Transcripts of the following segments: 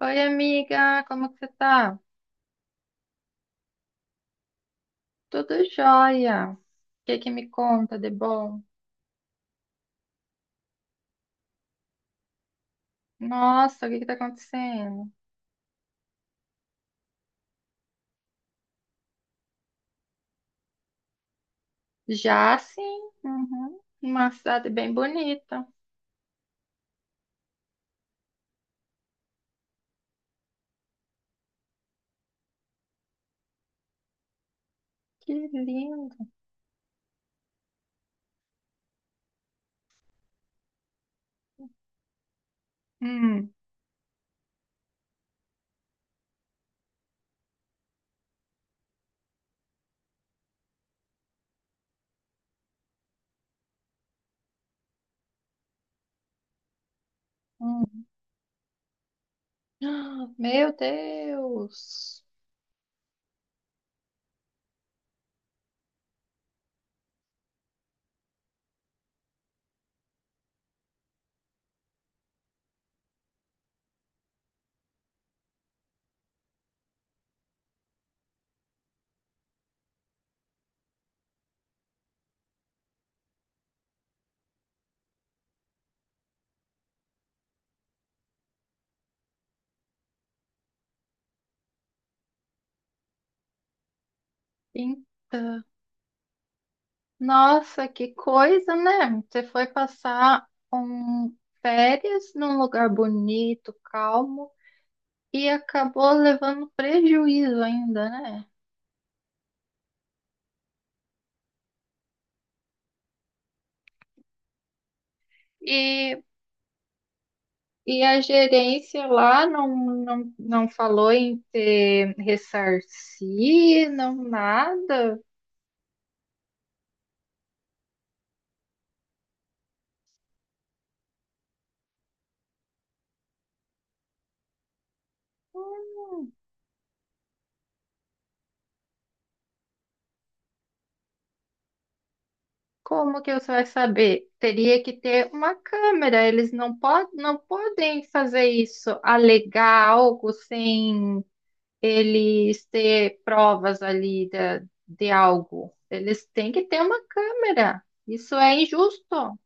Oi, amiga, como que você tá? Tudo jóia. O que que me conta de bom? Nossa, o que que tá acontecendo? Já sim, uhum. Uma cidade bem bonita. Que lindo. Hum, hum. Ah, Meu Deus. Então, Nossa, que coisa, né? Você foi passar um férias num lugar bonito, calmo, e acabou levando prejuízo ainda, né? E E a gerência lá não falou em ter ressarcir, não nada. Como que você vai saber? Teria que ter uma câmera. Eles não podem fazer isso, alegar algo sem eles ter provas ali de algo. Eles têm que ter uma câmera. Isso é injusto.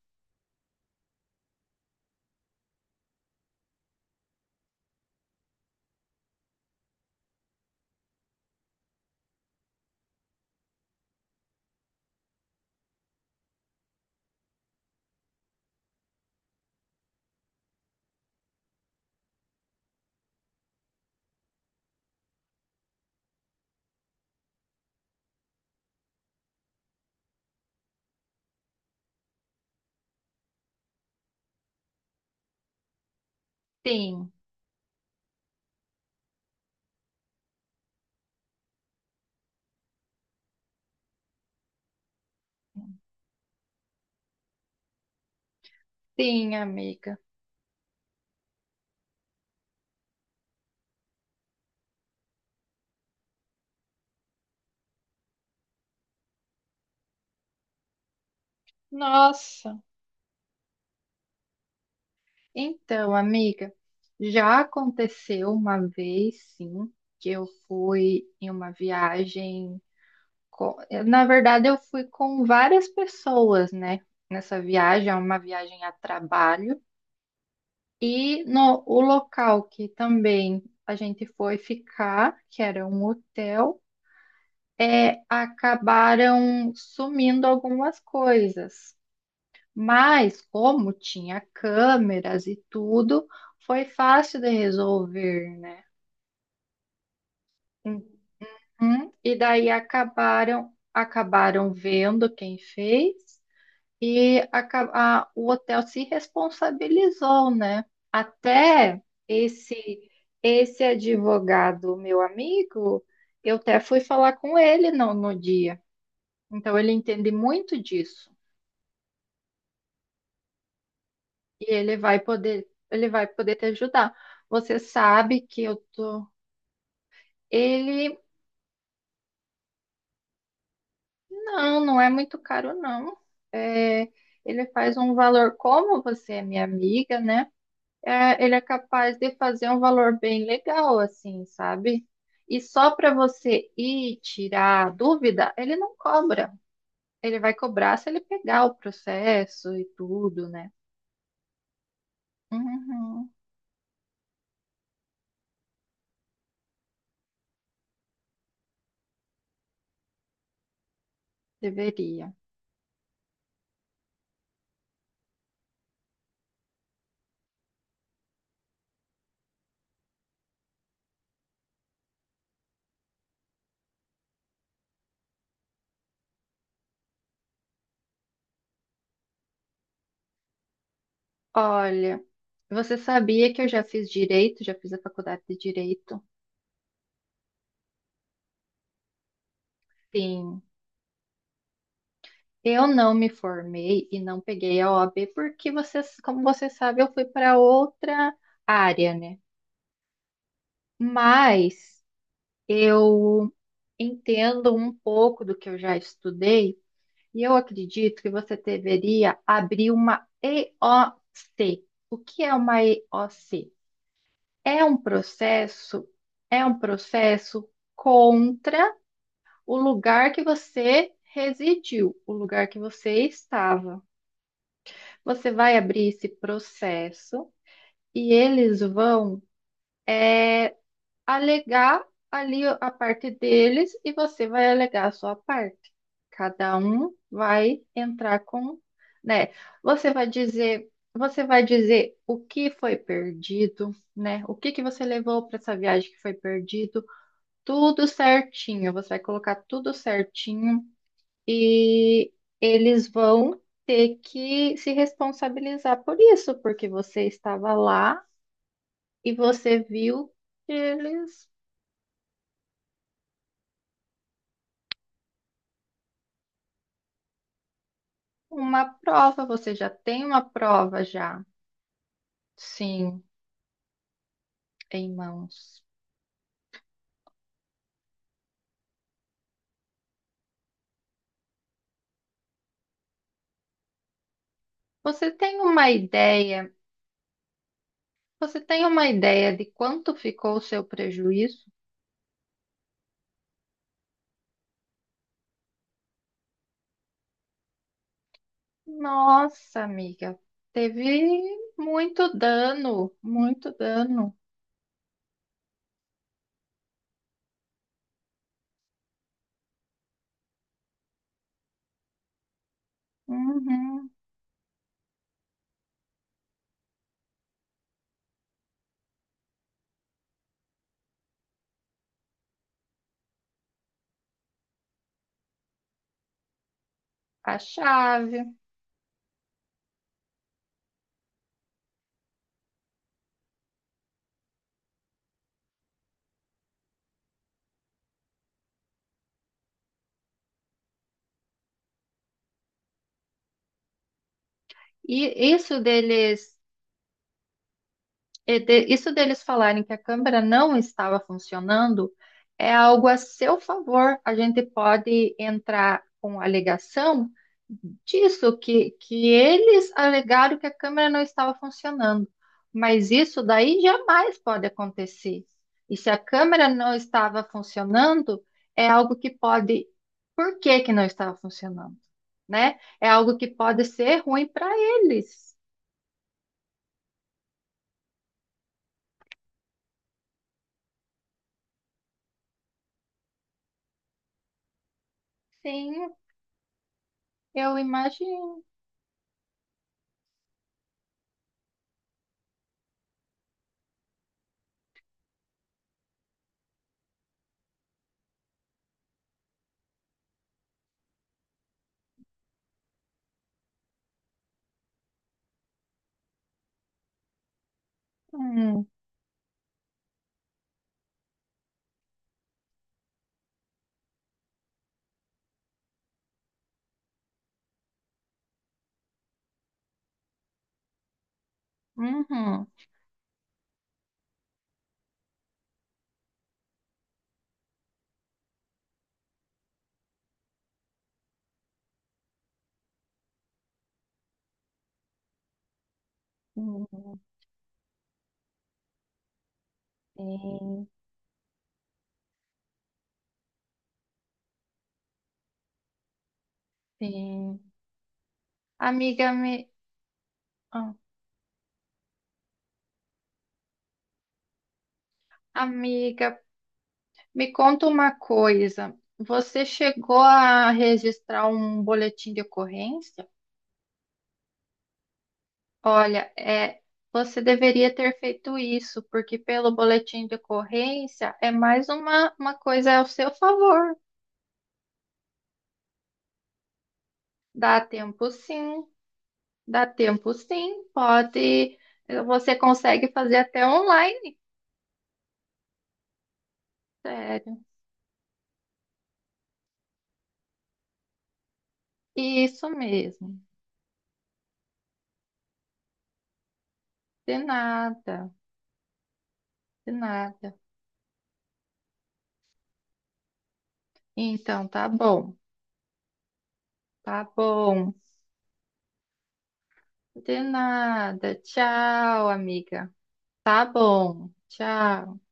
Sim, sim, amiga. Nossa. Então, amiga, já aconteceu uma vez, sim, que eu fui em uma viagem. com- Na verdade, eu fui com várias pessoas, né? Nessa viagem, é uma viagem a trabalho. E no, O local que também a gente foi ficar, que era um hotel, é, acabaram sumindo algumas coisas. Mas, como tinha câmeras e tudo, foi fácil de resolver, né? Uhum. E daí acabaram vendo quem fez e o hotel se responsabilizou, né? Até esse esse advogado, meu amigo, eu até fui falar com ele no dia. Então ele entende muito disso. E ele vai poder te ajudar. Você sabe que eu tô. Ele não é muito caro, não. É, ele faz um valor, como você é minha amiga, né? É, ele é capaz de fazer um valor bem legal, assim, sabe? E só para você ir tirar a dúvida, ele não cobra. Ele vai cobrar se ele pegar o processo e tudo, né? Uhum, deveria. Olha. Você sabia que eu já fiz direito, já fiz a faculdade de direito? Sim. Eu não me formei e não peguei a OAB porque você, como você sabe, eu fui para outra área, né? Mas eu entendo um pouco do que eu já estudei e eu acredito que você deveria abrir uma EOC. O C. O que é uma EOC? É um processo, é um processo contra o lugar que você residiu, o lugar que você estava. Você vai abrir esse processo e eles vão é, alegar ali a parte deles e você vai alegar a sua parte. Cada um vai entrar com, né? Você vai dizer o que foi perdido, né? O que que você levou para essa viagem que foi perdido? Tudo certinho, você vai colocar tudo certinho. E eles vão ter que se responsabilizar por isso, porque você estava lá e você viu eles uma prova, você já tem uma prova já, sim, em mãos. Você tem uma ideia, você tem uma ideia de quanto ficou o seu prejuízo? Nossa, amiga, teve muito dano, muito dano. Uhum. A chave. E isso deles Isso deles falarem que a câmera não estava funcionando é algo a seu favor. A gente pode entrar com alegação disso, que eles alegaram que a câmera não estava funcionando. Mas isso daí jamais pode acontecer. E se a câmera não estava funcionando, é algo que pode. Por que que não estava funcionando? Né? É algo que pode ser ruim para eles. Sim, eu imagino. Hum, uhum, uhum. Sim, sim. Amiga, me, ah, amiga, me conta uma coisa. Você chegou a registrar um boletim de ocorrência? Olha, é, você deveria ter feito isso, porque pelo boletim de ocorrência é mais uma coisa ao seu favor. Dá tempo sim, dá tempo sim, pode. Você consegue fazer até online, sério. Isso mesmo. De nada, de nada. Então, tá bom, tá bom. De nada. Tchau, amiga. Tá bom, tchau.